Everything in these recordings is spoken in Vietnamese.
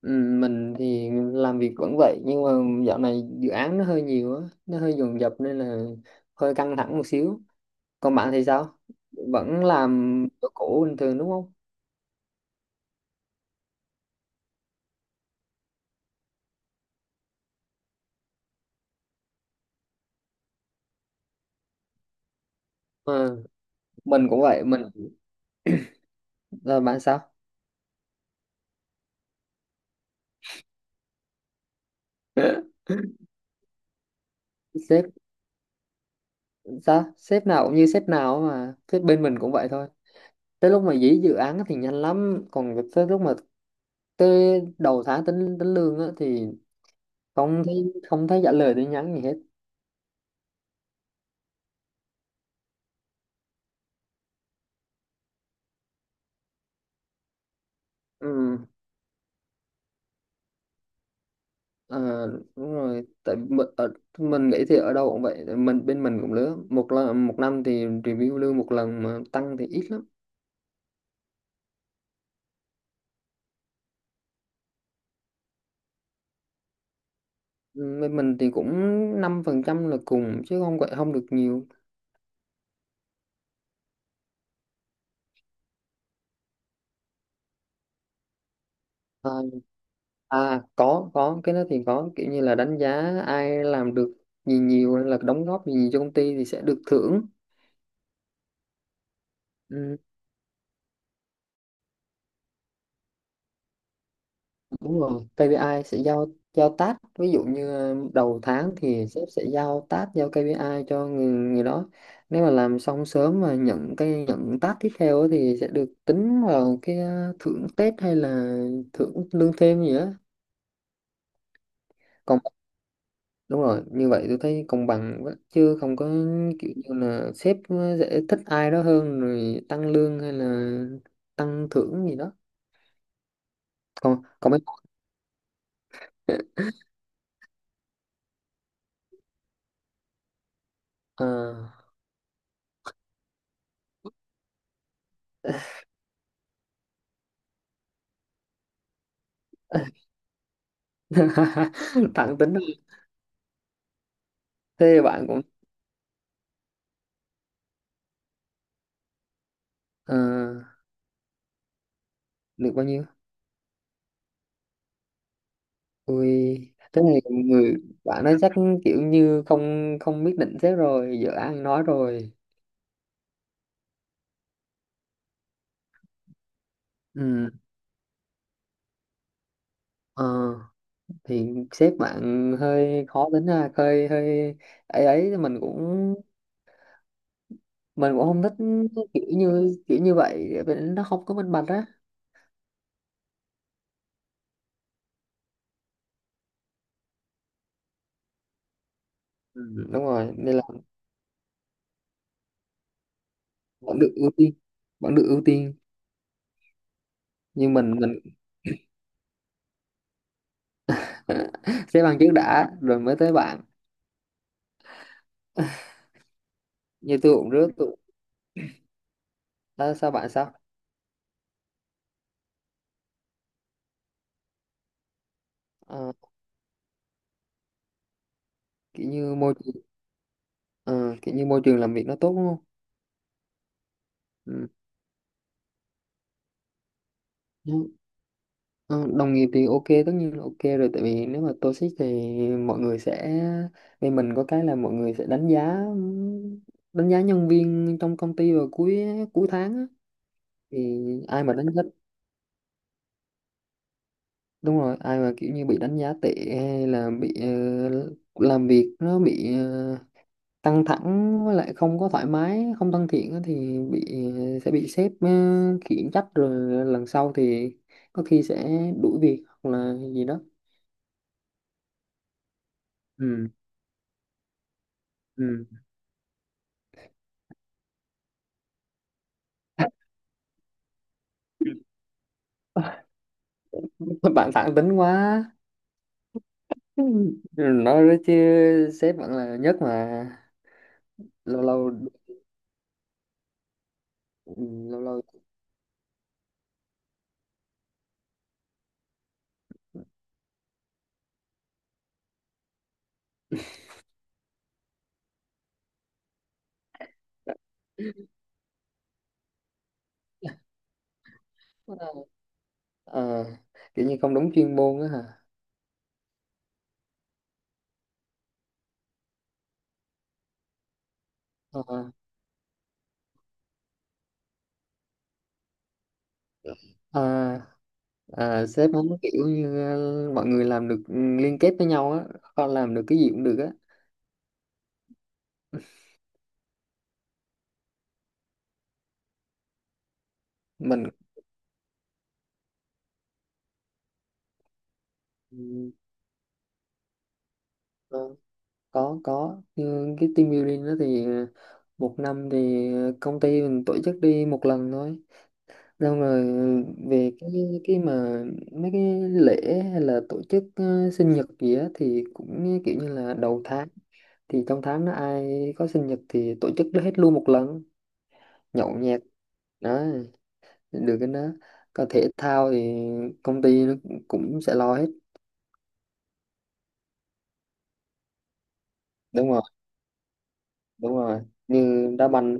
Ừ, mình thì làm việc vẫn vậy nhưng mà dạo này dự án nó hơi nhiều á, nó hơi dồn dập nên là hơi căng thẳng một xíu. Còn bạn thì sao, vẫn làm chỗ cũ bình thường đúng không? Ừ, mình cũng vậy. Mình là bạn sao? Sếp, sao sếp nào cũng như sếp nào, mà sếp bên mình cũng vậy thôi. Tới lúc mà dí dự án thì nhanh lắm, còn tới lúc mà tới đầu tháng tính tính lương á thì không thấy trả lời tin nhắn gì hết. Ừ. À, đúng rồi tại mình nghĩ thì ở đâu cũng vậy, tại mình bên mình cũng lứa một lần, một năm thì review lương một lần mà tăng thì ít lắm. Ừ, bên mình thì cũng 5% là cùng chứ không gọi không được nhiều. À, à có cái đó thì có, kiểu như là đánh giá ai làm được gì nhiều hay là đóng góp gì nhiều cho công ty thì sẽ được thưởng. Ừ, đúng rồi, KPI sẽ giao, giao task. Ví dụ như đầu tháng thì sếp sẽ giao task, giao KPI cho người đó. Nếu mà làm xong sớm mà nhận task tiếp theo á thì sẽ được tính vào cái thưởng Tết hay là thưởng lương thêm gì đó. Còn đúng rồi, như vậy tôi thấy công bằng quá, chứ không có kiểu như là sếp sẽ thích ai đó hơn rồi tăng lương hay là tăng thưởng gì đó. Còn còn mấy ờ, tặng tính, thế bạn cũng ờ, được bao nhiêu? Ui, thế này người bạn ấy chắc kiểu như không không biết định sếp rồi giờ ăn nói rồi. ừ ờ, thì sếp bạn hơi khó tính ha, hơi hơi ấy ấy mình cũng không thích kiểu như vậy, vì nó không có minh bạch á. Ừ, đúng rồi nên là vẫn được ưu tiên, vẫn được ưu tiên. Nhưng mình sếp bạn trước đã rồi mới tới bạn. Như tôi cũng rước tôi. À, sao bạn sao? Ờ, Kiểu như môi trường, ờ, kiểu như môi trường làm việc nó tốt đúng không? Ừ. Nhưng, đồng nghiệp thì ok, tất nhiên là ok rồi tại vì nếu mà toxic thì mọi người sẽ, vì mình có cái là mọi người sẽ đánh giá nhân viên trong công ty vào cuối cuối tháng á. Thì ai mà đánh giá, đúng rồi ai mà kiểu như bị đánh giá tệ hay là bị làm việc nó bị căng thẳng, với lại không có thoải mái, không thân thiện á thì bị, sẽ bị sếp khiển trách rồi lần sau thì có khi sẽ đuổi việc hoặc là gì đó. Ừ, ừ. Bạn thẳng tính quá. Ừ, nói đó chứ sếp vẫn là nhất mà. Lâu lâu, ừ, lâu lâu. Ờ, kiểu như không đúng chuyên môn á hả? Ờ, ờ, Sếp muốn kiểu như mọi người làm được, liên kết với nhau á, con làm được cái gì cũng được á. Mình, ừ, có, có nhưng cái team building đó thì một năm thì công ty mình tổ chức đi một lần thôi. Xong rồi về cái mà mấy cái lễ hay là tổ chức sinh nhật gì á thì cũng kiểu như là đầu tháng thì trong tháng đó ai có sinh nhật thì tổ chức hết luôn một lần, nhậu nhẹt đó, được cái đó. Còn thể thao thì công ty nó cũng cũng sẽ lo hết. Đúng rồi, đúng rồi, như đá banh.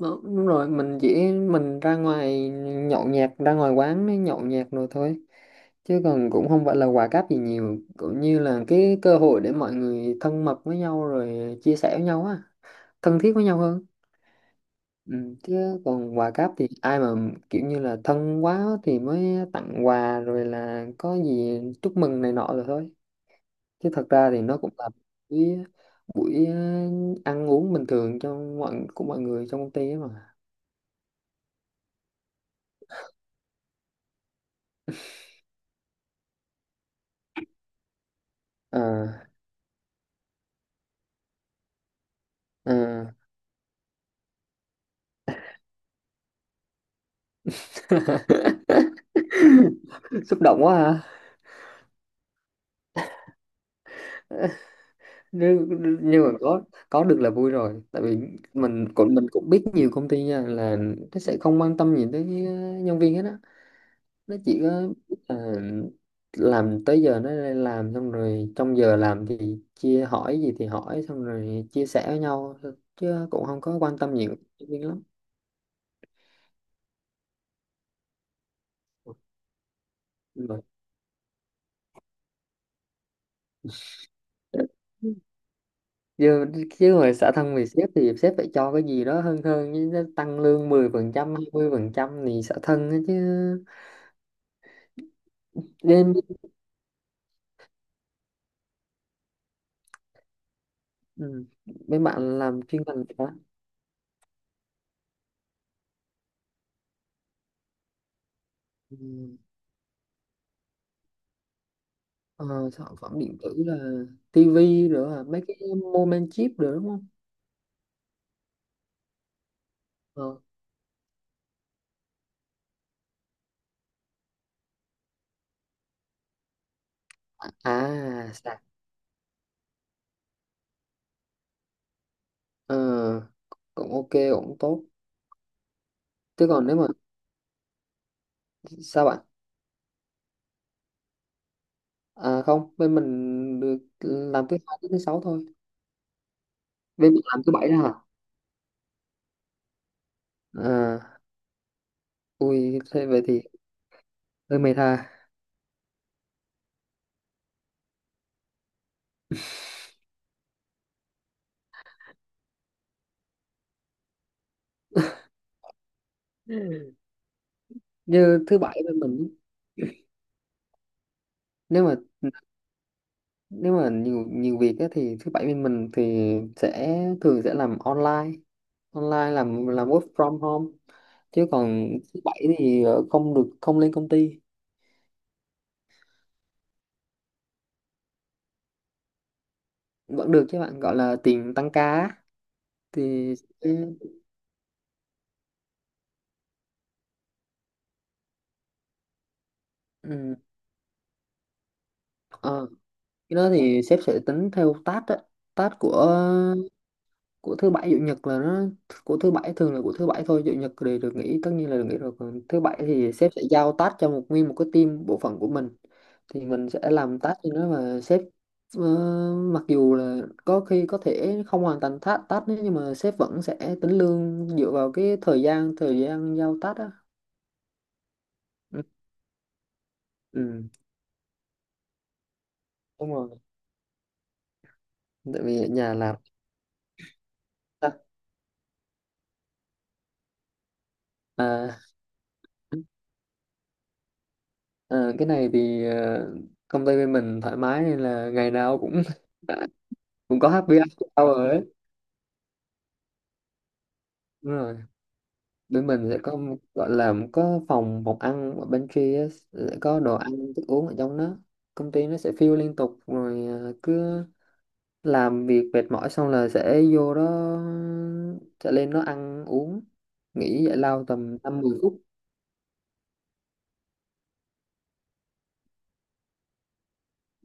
Đó, đúng rồi, mình chỉ ra ngoài nhậu nhẹt, ra ngoài quán mới nhậu nhẹt rồi thôi, chứ còn cũng không phải là quà cáp gì nhiều, cũng như là cái cơ hội để mọi người thân mật với nhau rồi chia sẻ với nhau á, thân thiết với nhau hơn. Ừ. Chứ còn quà cáp thì ai mà kiểu như là thân quá thì mới tặng quà rồi là có gì chúc mừng này nọ rồi thôi. Chứ thật ra thì nó cũng là buổi, buổi ăn uống bình thường cho mọi của mọi người trong công ty ấy mà. Ờ, ờ. Xúc động quá ha. nhưng nhưng mà có được là vui rồi, tại vì mình cũng biết nhiều công ty nha là nó sẽ không quan tâm gì tới nhân viên hết á. Nó chỉ có ờ, làm tới giờ nó lên làm, xong rồi trong giờ làm thì chia hỏi gì thì hỏi xong rồi chia sẻ với nhau thôi. Chứ cũng không có quan tâm nhiều tới nhân viên lắm. Ừ. Chứ, chứ hồi xã thân vì sếp thì sếp phải cho cái gì đó hơn hơn chứ, nó tăng lương 10%, 20% thì xã thân á chứ. Nên, ừ. Mấy bạn làm chuyên ngành hả? Ừ. Ờ, sản phẩm điện tử là tivi rồi à, mấy cái moment chip rồi đúng không? Ờ. À sạc. Ờ, cũng ok cũng tốt. Chứ còn nếu mà, sao bạn? À, không, bên mình được làm thứ hai tới thứ sáu thôi. Bên mình làm thứ bảy đó hả? À, ui thế vậy thì hơi mệt ha. Như thứ bảy bên mình, nếu mà, nếu mà nhiều nhiều việc á, thì thứ bảy bên mình thì sẽ thường sẽ làm online, online làm work from home. Chứ còn thứ bảy thì không được, không lên công ty. Vẫn được chứ bạn, gọi là tiền tăng ca á. Thì, ừ, ừ, ờ, cái đó thì sếp sẽ tính theo task á, task của thứ bảy chủ nhật là nó, của thứ bảy thường là của thứ bảy thôi, chủ nhật thì được nghỉ, tất nhiên là được nghỉ rồi, còn thứ bảy thì sếp sẽ giao task cho một nguyên một cái team bộ phận của mình, thì mình sẽ làm task cho nó và sếp ờ, mặc dù là có khi có thể không hoàn thành task task đấy nhưng mà sếp vẫn sẽ tính lương dựa vào cái thời gian giao task á. Ừ, ừ, đúng rồi tại vì ở nhà làm. À, à, cái này thì công ty bên mình thoải mái nên là ngày nào cũng cũng có happy hour ấy. Đúng rồi, bên mình sẽ có một- gọi là có phòng phòng ăn ở pantry á, sẽ có đồ ăn thức uống ở trong đó, công ty nó sẽ fill liên tục rồi à, cứ làm việc mệt mỏi xong là sẽ vô đó, sẽ lên đó ăn uống, nghỉ giải lao tầm 5-10 phút.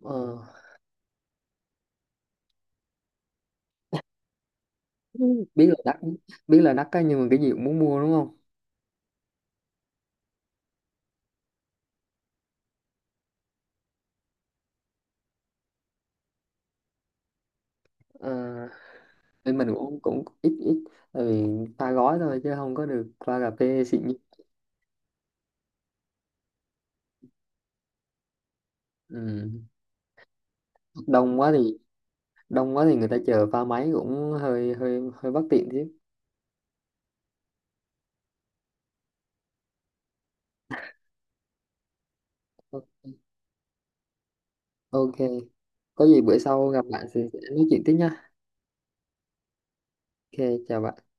Ờ, biết là đắt, biết là đắt á, nhưng mà cái gì cũng muốn mua đúng không? Ờ, bên mình cũng cũng ít ít tại vì pha gói thôi chứ không có được pha cà phê xịn nhất. Ừ. đông quá thì đông quá thì người ta chờ pha máy cũng hơi hơi hơi bất tiện chứ. Ok. Ok, có gì bữa sau gặp bạn thì sẽ nói chuyện tiếp nha. Ok chào bạn.